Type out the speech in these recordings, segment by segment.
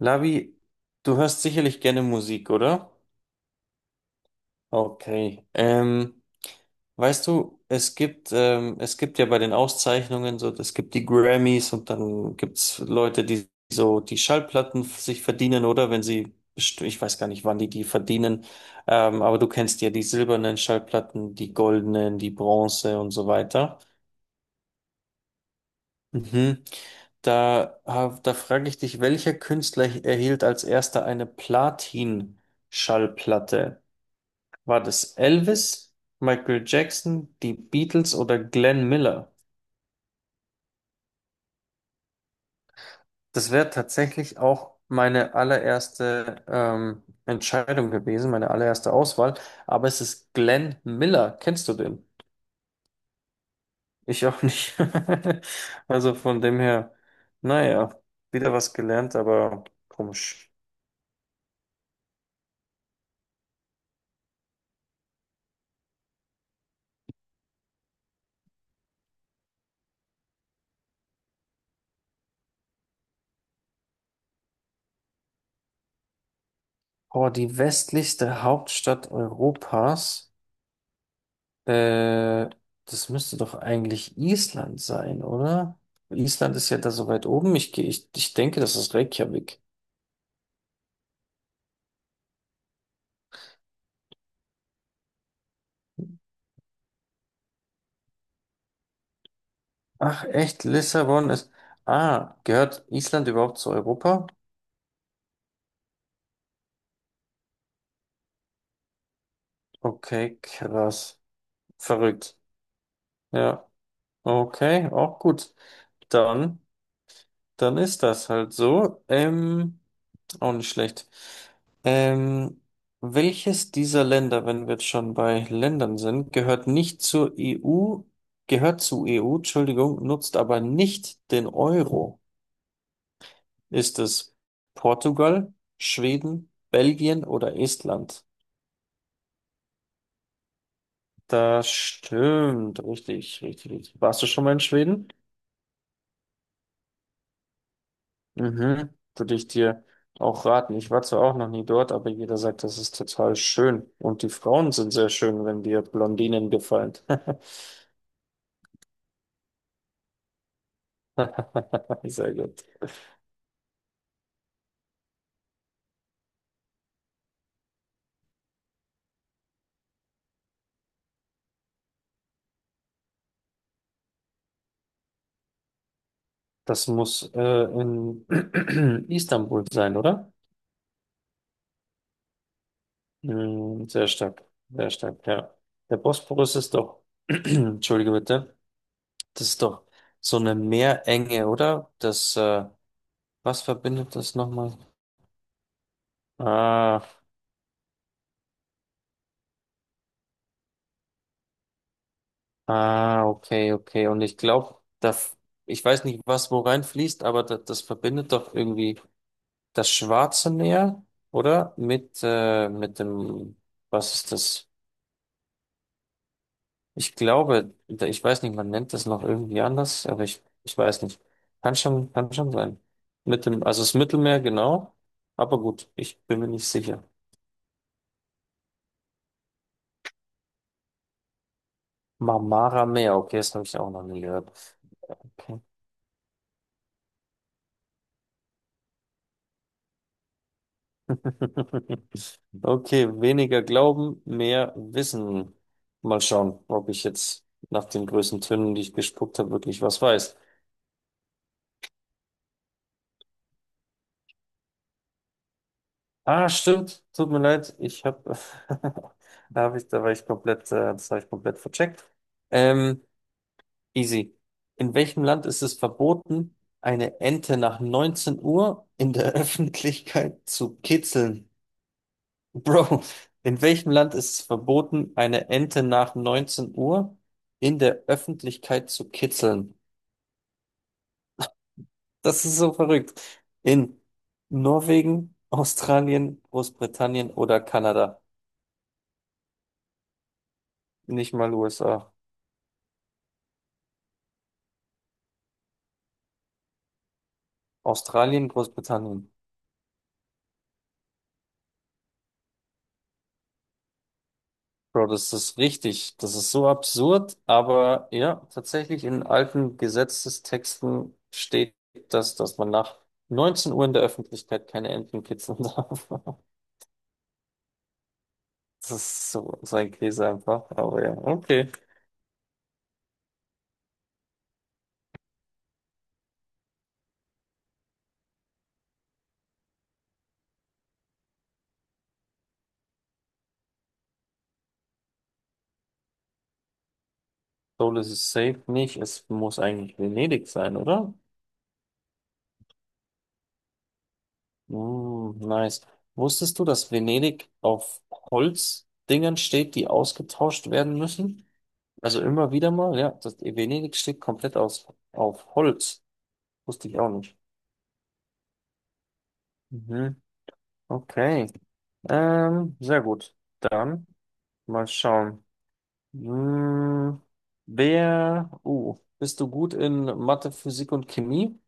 Lavi, du hörst sicherlich gerne Musik, oder? Okay. Weißt du, es gibt ja bei den Auszeichnungen so, es gibt die Grammys und dann gibt's Leute, die so die Schallplatten sich verdienen, oder? Wenn sie, ich weiß gar nicht, wann die die verdienen, aber du kennst ja die silbernen Schallplatten, die goldenen, die Bronze und so weiter. Mhm. Da, da frage ich dich, welcher Künstler erhielt als erster eine Platin-Schallplatte? War das Elvis, Michael Jackson, die Beatles oder Glenn Miller? Das wäre tatsächlich auch meine allererste Entscheidung gewesen, meine allererste Auswahl. Aber es ist Glenn Miller. Kennst du den? Ich auch nicht. Also von dem her, naja, wieder was gelernt, aber komisch. Oh, die westlichste Hauptstadt Europas. Äh, Das müsste doch eigentlich Island sein, oder? Island ist ja da so weit oben. Ich denke, das ist Reykjavik. Ach, echt? Lissabon ist. Ah, gehört Island überhaupt zu Europa? Okay, krass. Verrückt. Ja, okay, auch gut. Dann, dann ist das halt so. Auch nicht schlecht. Ähm, welches dieser Länder, wenn wir jetzt schon bei Ländern sind, gehört nicht zur EU, gehört zur EU, Entschuldigung, nutzt aber nicht den Euro? Ist es Portugal, Schweden, Belgien oder Estland? Das stimmt, richtig, richtig, richtig. Warst du schon mal in Schweden? Mhm. Würde ich dir auch raten. Ich war zwar auch noch nie dort, aber jeder sagt, das ist total schön. Und die Frauen sind sehr schön, wenn dir Blondinen gefallen. Sehr gut. Das muss in Istanbul sein, oder? Mm, sehr stark, ja. Der Bosporus ist doch, entschuldige bitte, das ist doch so eine Meerenge, oder? Was verbindet das nochmal? Ah. Ah, okay, okay. Und ich glaube, das, ich weiß nicht, was wo reinfließt, aber das, das verbindet doch irgendwie das Schwarze Meer, oder? Mit dem, was ist das? Ich glaube, ich weiß nicht, man nennt das noch irgendwie anders, aber ich weiß nicht. Kann schon sein. Mit dem, also das Mittelmeer, genau. Aber gut, ich bin mir nicht sicher. Marmara Meer, okay, das habe ich auch noch nie gehört. Okay. Okay, weniger glauben, mehr wissen. Mal schauen, ob ich jetzt nach den größten Tönen, die ich gespuckt habe, wirklich was weiß. Ah, stimmt. Tut mir leid. Ich habe, da habe ich, da war ich komplett, das habe ich komplett vercheckt. Ähm, easy. In welchem Land ist es verboten, eine Ente nach 19 Uhr in der Öffentlichkeit zu kitzeln? Bro, in welchem Land ist es verboten, eine Ente nach 19 Uhr in der Öffentlichkeit zu kitzeln? Das ist so verrückt. In Norwegen, Australien, Großbritannien oder Kanada? Nicht mal USA. Australien, Großbritannien. Bro, das ist richtig. Das ist so absurd, aber ja, tatsächlich in alten Gesetzestexten steht das, dass man nach 19 Uhr in der Öffentlichkeit keine Enten kitzeln darf. Das ist so sein Käse einfach. Aber ja, okay. Seoul ist es safe nicht. Es muss eigentlich Venedig sein, oder? Mm, nice. Wusstest du, dass Venedig auf Holzdingern steht, die ausgetauscht werden müssen? Also immer wieder mal, ja. Das Venedig steht komplett aus, auf Holz. Wusste ich auch nicht. Mhm. Okay. Sehr gut. Dann mal schauen. Hm, wer, bist du gut in Mathe, Physik und Chemie?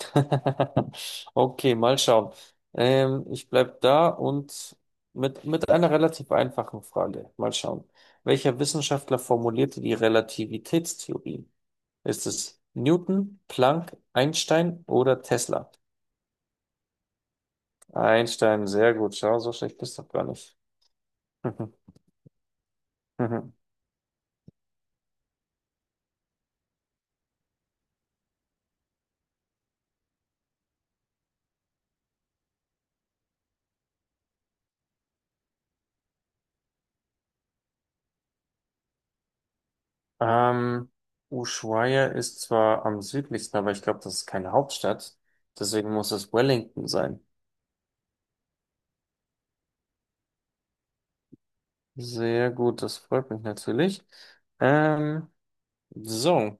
Okay, mal schauen. Ich bleib da und mit einer relativ einfachen Frage. Mal schauen. Welcher Wissenschaftler formulierte die Relativitätstheorie? Ist es Newton, Planck, Einstein oder Tesla? Einstein, sehr gut. Schau, so schlecht bist du doch gar nicht. Mhm, mhm. Ähm, Ushuaia ist zwar am südlichsten, aber ich glaube, das ist keine Hauptstadt. Deswegen muss es Wellington sein. Sehr gut, das freut mich natürlich. Ähm, so,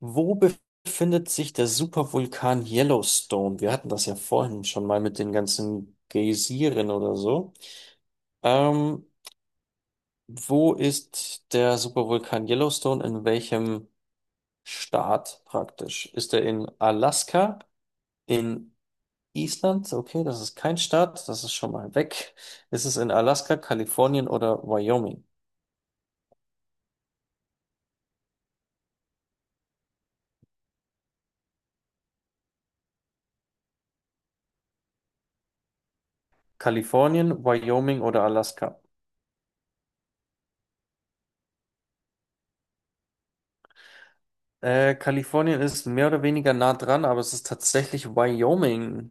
wo befindet sich der Supervulkan Yellowstone? Wir hatten das ja vorhin schon mal mit den ganzen Geysiren oder so. Ähm, wo ist der Supervulkan Yellowstone? In welchem Staat praktisch? Ist er in Alaska? In Island? Okay, das ist kein Staat, das ist schon mal weg. Ist es in Alaska, Kalifornien oder Wyoming? Kalifornien, Wyoming oder Alaska? Kalifornien ist mehr oder weniger nah dran, aber es ist tatsächlich Wyoming.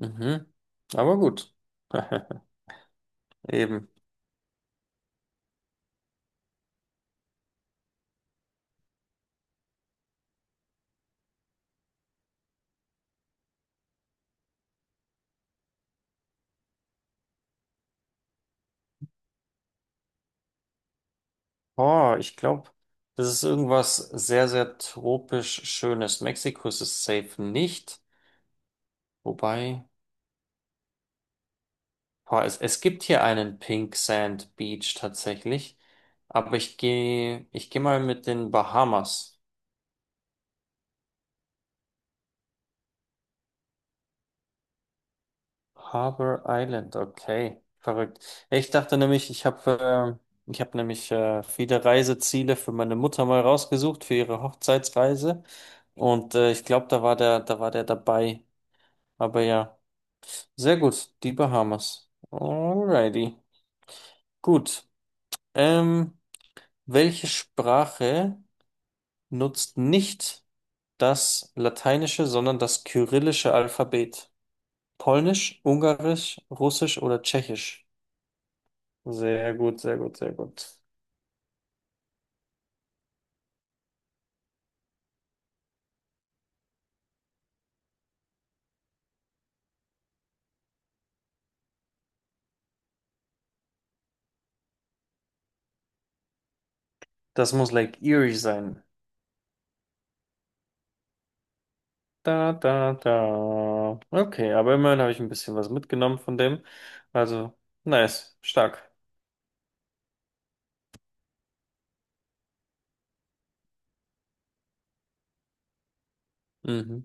Mhm. Aber gut. Eben. Oh, ich glaube, das ist irgendwas sehr, sehr tropisch Schönes. Mexiko ist es safe nicht. Wobei, boah, es gibt hier einen Pink Sand Beach tatsächlich. Aber ich gehe mal mit den Bahamas. Harbour Island, okay, verrückt. Ja, ich dachte nämlich, ich habe nämlich viele Reiseziele für meine Mutter mal rausgesucht für ihre Hochzeitsreise und ich glaube, da war der dabei. Aber ja, sehr gut, die Bahamas. Alrighty, gut. Ähm, welche Sprache nutzt nicht das lateinische, sondern das kyrillische Alphabet? Polnisch, Ungarisch, Russisch oder Tschechisch? Sehr gut, sehr gut, sehr gut. Das muss Lake Erie sein. Da, da, da. Okay, aber immerhin habe ich ein bisschen was mitgenommen von dem. Also, nice, stark. Mhm.